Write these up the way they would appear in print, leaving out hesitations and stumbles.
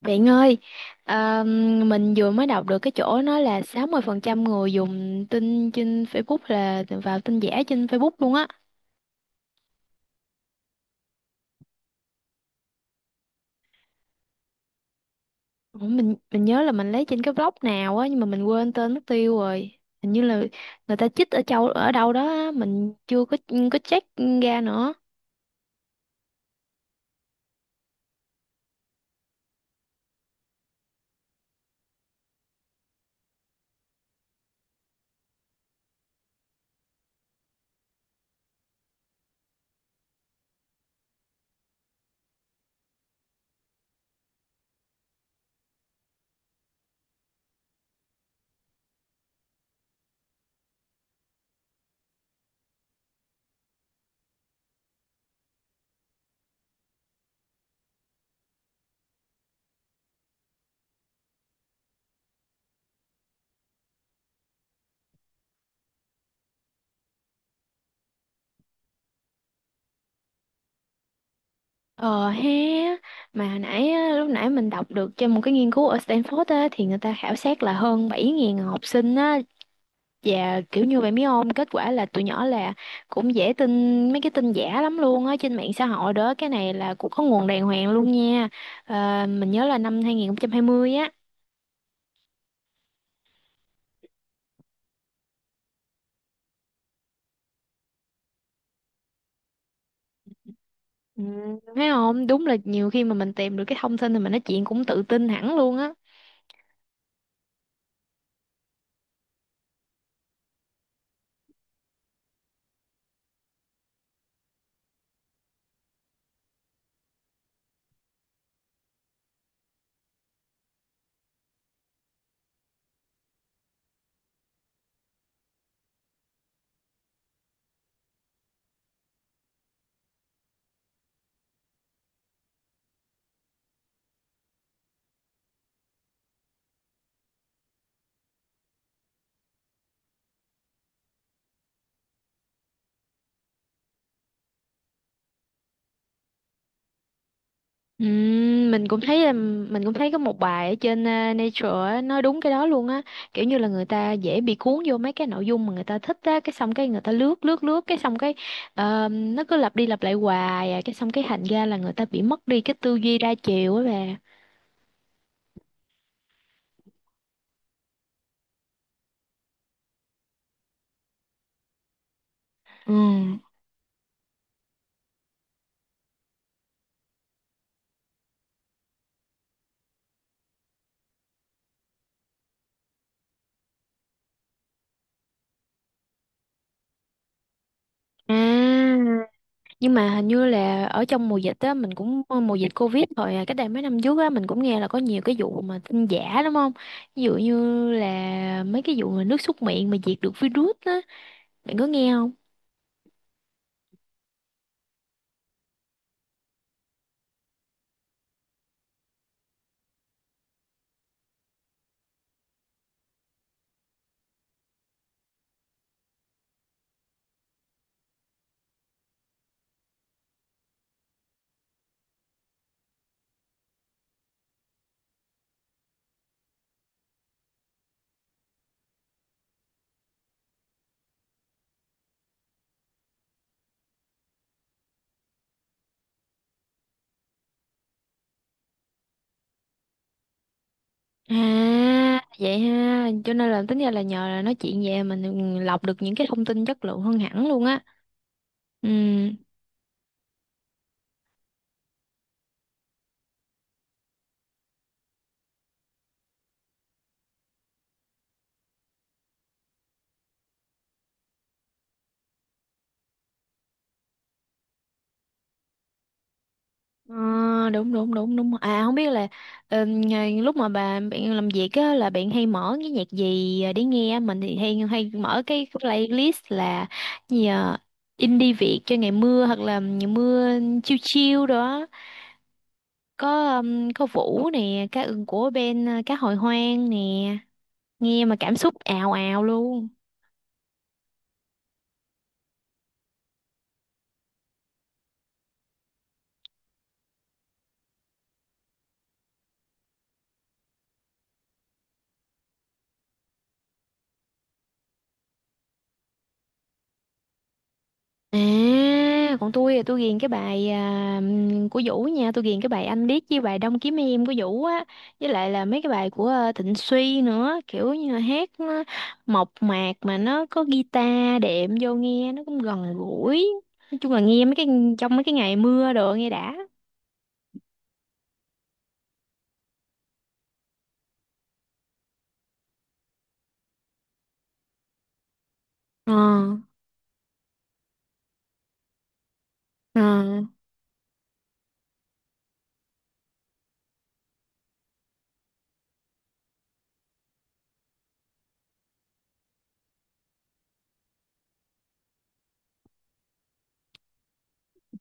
Bạn ơi, à, mình vừa mới đọc được cái chỗ nói là 60% người dùng tin trên Facebook là vào tin giả trên Facebook luôn á. Ủa, Mình nhớ là mình lấy trên cái blog nào á nhưng mà mình quên tên mất tiêu rồi. Hình như là người ta chích ở châu ở đâu đó á, mình chưa có check ra nữa. Ờ ha, mà lúc nãy mình đọc được trên một cái nghiên cứu ở Stanford á thì người ta khảo sát là hơn 7.000 học sinh á. Dạ kiểu như vậy biết không? Kết quả là tụi nhỏ là cũng dễ tin mấy cái tin giả lắm luôn á, trên mạng xã hội đó. Cái này là cũng có nguồn đàng hoàng luôn nha. Mình nhớ là năm 2020 á. Ừ, thấy không? Đúng là nhiều khi mà mình tìm được cái thông tin thì mình nói chuyện cũng tự tin hẳn luôn á. Mình cũng thấy là mình cũng thấy có một bài ở trên Nature á, nói đúng cái đó luôn á, kiểu như là người ta dễ bị cuốn vô mấy cái nội dung mà người ta thích á, cái xong cái người ta lướt lướt lướt cái xong cái nó cứ lặp đi lặp lại hoài à, cái xong cái thành ra là người ta bị mất đi cái tư duy đa chiều á bà. Ừ. À, nhưng mà hình như là ở trong mùa dịch á, mình cũng mùa dịch Covid rồi à, cách đây mấy năm trước á, mình cũng nghe là có nhiều cái vụ mà tin giả đúng không? Ví dụ như là mấy cái vụ mà nước súc miệng mà diệt được virus á. Bạn có nghe không? À, vậy ha. Cho nên là tính ra là nhờ là nói chuyện về mình lọc được những cái thông tin chất lượng hơn hẳn luôn á. Ừ. Ờ, đúng đúng đúng đúng. À không biết là lúc mà bà bạn làm việc á là bạn hay mở cái nhạc gì để nghe? Mình thì hay hay mở cái playlist là gì à? Indie Việt cho ngày mưa hoặc là ngày mưa chill chill đó. Có Vũ nè, cá ưng của bên cá hồi hoang nè. Nghe mà cảm xúc ào ào luôn. À còn tôi thì tôi ghiền cái bài của Vũ nha, tôi ghiền cái bài Anh Điếc với bài Đông Kiếm Em của Vũ á, với lại là mấy cái bài của Thịnh Suy nữa, kiểu như là hát nó mộc mạc mà nó có guitar đệm vô nghe nó cũng gần gũi. Nói chung là nghe mấy cái trong mấy cái ngày mưa đồ nghe đã. ờ ờ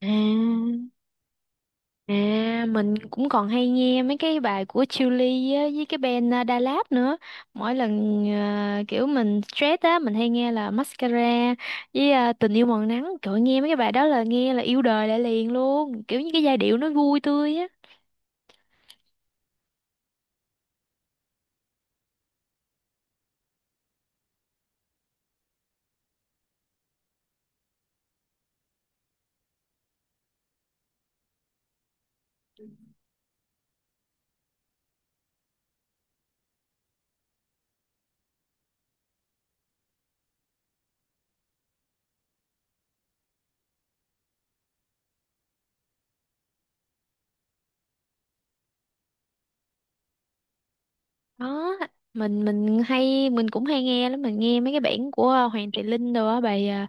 à À, mình cũng còn hay nghe mấy cái bài của Chillies á, với cái band Da Lab nữa. Mỗi lần kiểu mình stress á, mình hay nghe là Mascara với Tình yêu màu nắng. Trời nghe mấy cái bài đó là nghe là yêu đời lại liền luôn. Kiểu như cái giai điệu nó vui tươi á. Đó, mình cũng hay nghe lắm, mình nghe mấy cái bản của Hoàng Thị Linh đồ á, bài ờ,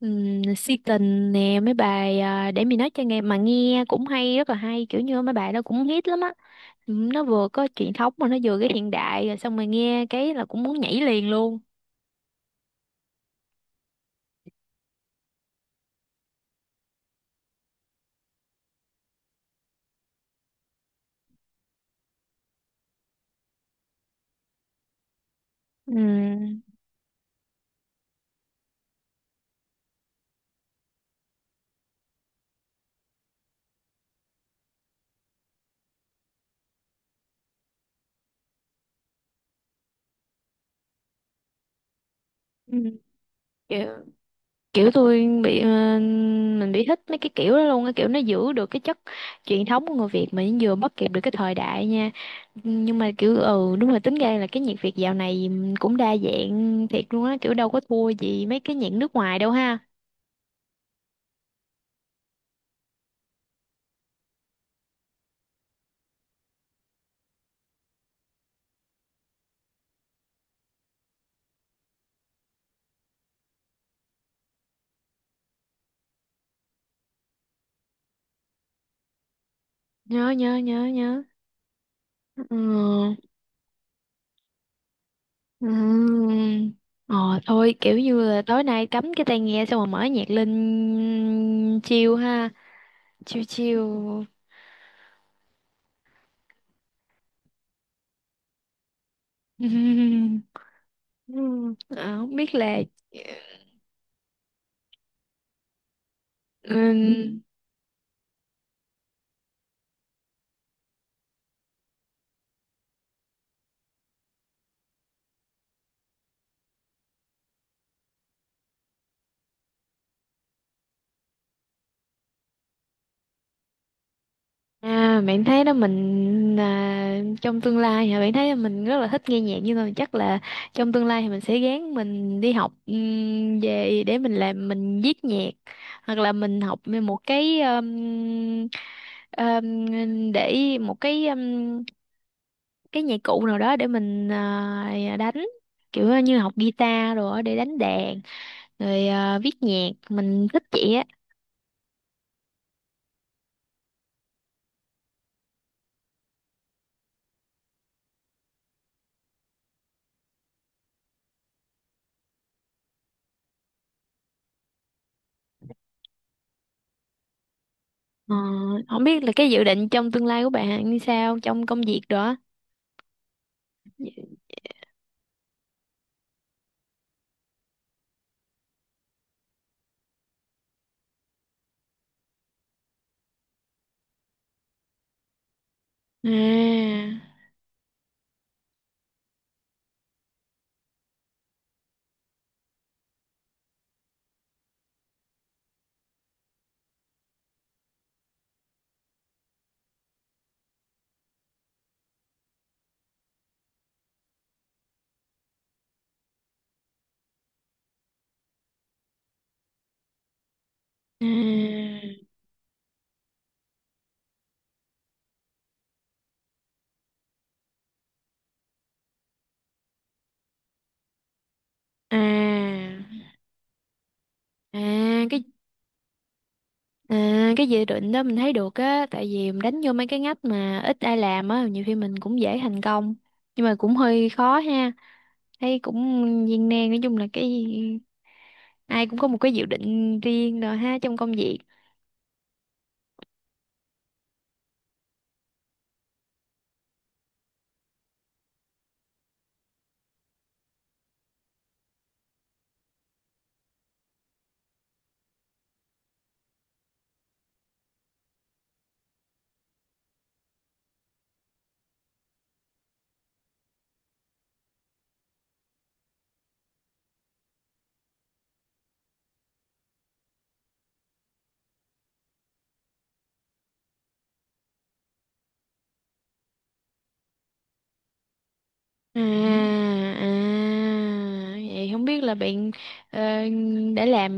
ừm, Si tình nè, mấy bài để mình nói cho nghe mà nghe cũng hay, rất là hay, kiểu như mấy bài đó cũng hit lắm á. Ừ, nó vừa có truyền thống mà nó vừa cái hiện đại, rồi xong rồi nghe cái là cũng muốn nhảy liền luôn. Ừ. Ừ. Kiểu, kiểu mình bị thích mấy cái kiểu đó luôn, cái kiểu nó giữ được cái chất truyền thống của người Việt mà nó vừa bắt kịp được cái thời đại nha. Nhưng mà kiểu ừ đúng rồi, tính ra là cái nhạc Việt dạo này cũng đa dạng thiệt luôn á, kiểu đâu có thua gì mấy cái nhạc nước ngoài đâu ha. Nhớ nhớ nhớ nhớ. Ừ. Ừm. Ờ thôi kiểu như là tối nay cắm cái tai nghe xong rồi mở nhạc lên chill ha. Chill chill. Ừm, ờ, không biết là ờ, À, bạn thấy đó trong tương lai hả, bạn thấy là mình rất là thích nghe nhạc, nhưng mà chắc là trong tương lai thì mình sẽ gán mình đi học về để mình làm mình viết nhạc, hoặc là mình học một cái để một cái nhạc cụ nào đó để mình đánh, kiểu như học guitar rồi để đánh đàn rồi viết nhạc mình thích vậy á. Ờ, không biết là cái dự định trong tương lai của bạn như sao trong công việc đó. à à à à cái À, cái dự định đó mình thấy được á, tại vì mình đánh vô mấy cái ngách mà ít ai làm á, nhiều khi mình cũng dễ thành công, nhưng mà cũng hơi khó ha, thấy cũng viên nan. Nói chung là cái ai cũng có một cái dự định riêng rồi ha trong công việc. à à Vậy không biết là bạn ờ, đã làm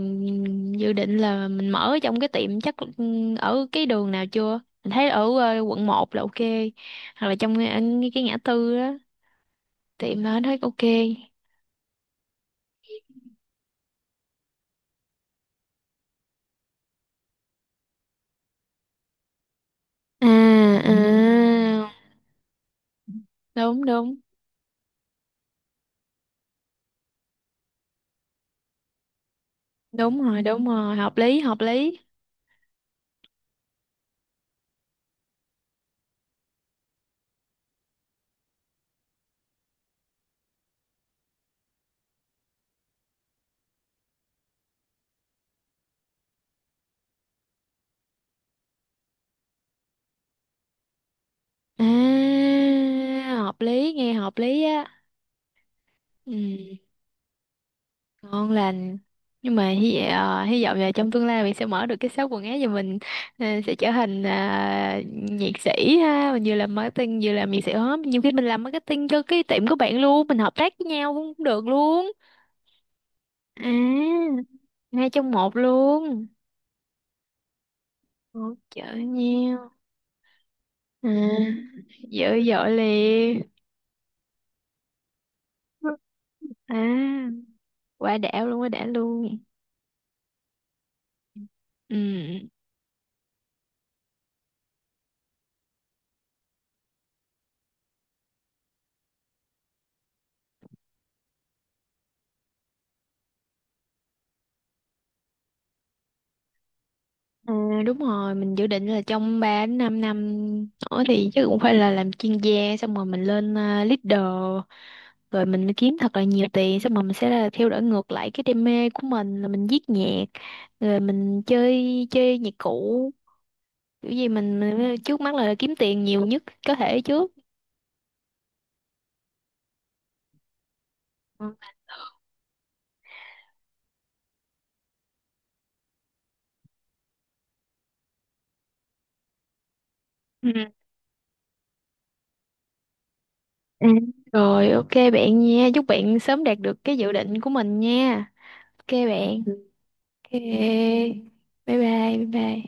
dự định là mình mở trong cái tiệm chắc ừ, ở cái đường nào chưa, mình thấy ở quận một là ok, hoặc là trong cái ngã tư đó tiệm đó thấy ok. à à Đúng đúng đúng rồi, đúng rồi hợp lý hợp lý. À hợp lý nghe hợp lý á. Ừ ngon lành. Nhưng mà hy vọng, hy vọng là trong tương lai mình sẽ mở được cái shop quần áo, và mình sẽ trở thành nhiệt sĩ ha, mình vừa làm marketing vừa làm nhiệt sĩ hết, nhiều khi mình làm marketing cho cái tiệm của bạn luôn, mình hợp tác với nhau cũng được luôn. À hai trong một luôn. Hỗ trợ nhau. À dữ dội liền. À quá đã luôn, quá đã luôn. Ừ. Ừ, đúng rồi, mình dự định là trong 3 đến 5 năm nữa thì chắc cũng phải là làm chuyên gia xong rồi mình lên leader, rồi mình mới kiếm thật là nhiều tiền xong rồi mình sẽ là theo đuổi ngược lại cái đam mê của mình là mình viết nhạc, rồi mình chơi chơi nhạc cụ, kiểu gì mình trước mắt là kiếm tiền nhiều nhất có thể trước. Ừ. Ừ. Ừ. Rồi ok bạn nha, chúc bạn sớm đạt được cái dự định của mình nha. Ok bạn. Ok bye bye. Bye bye.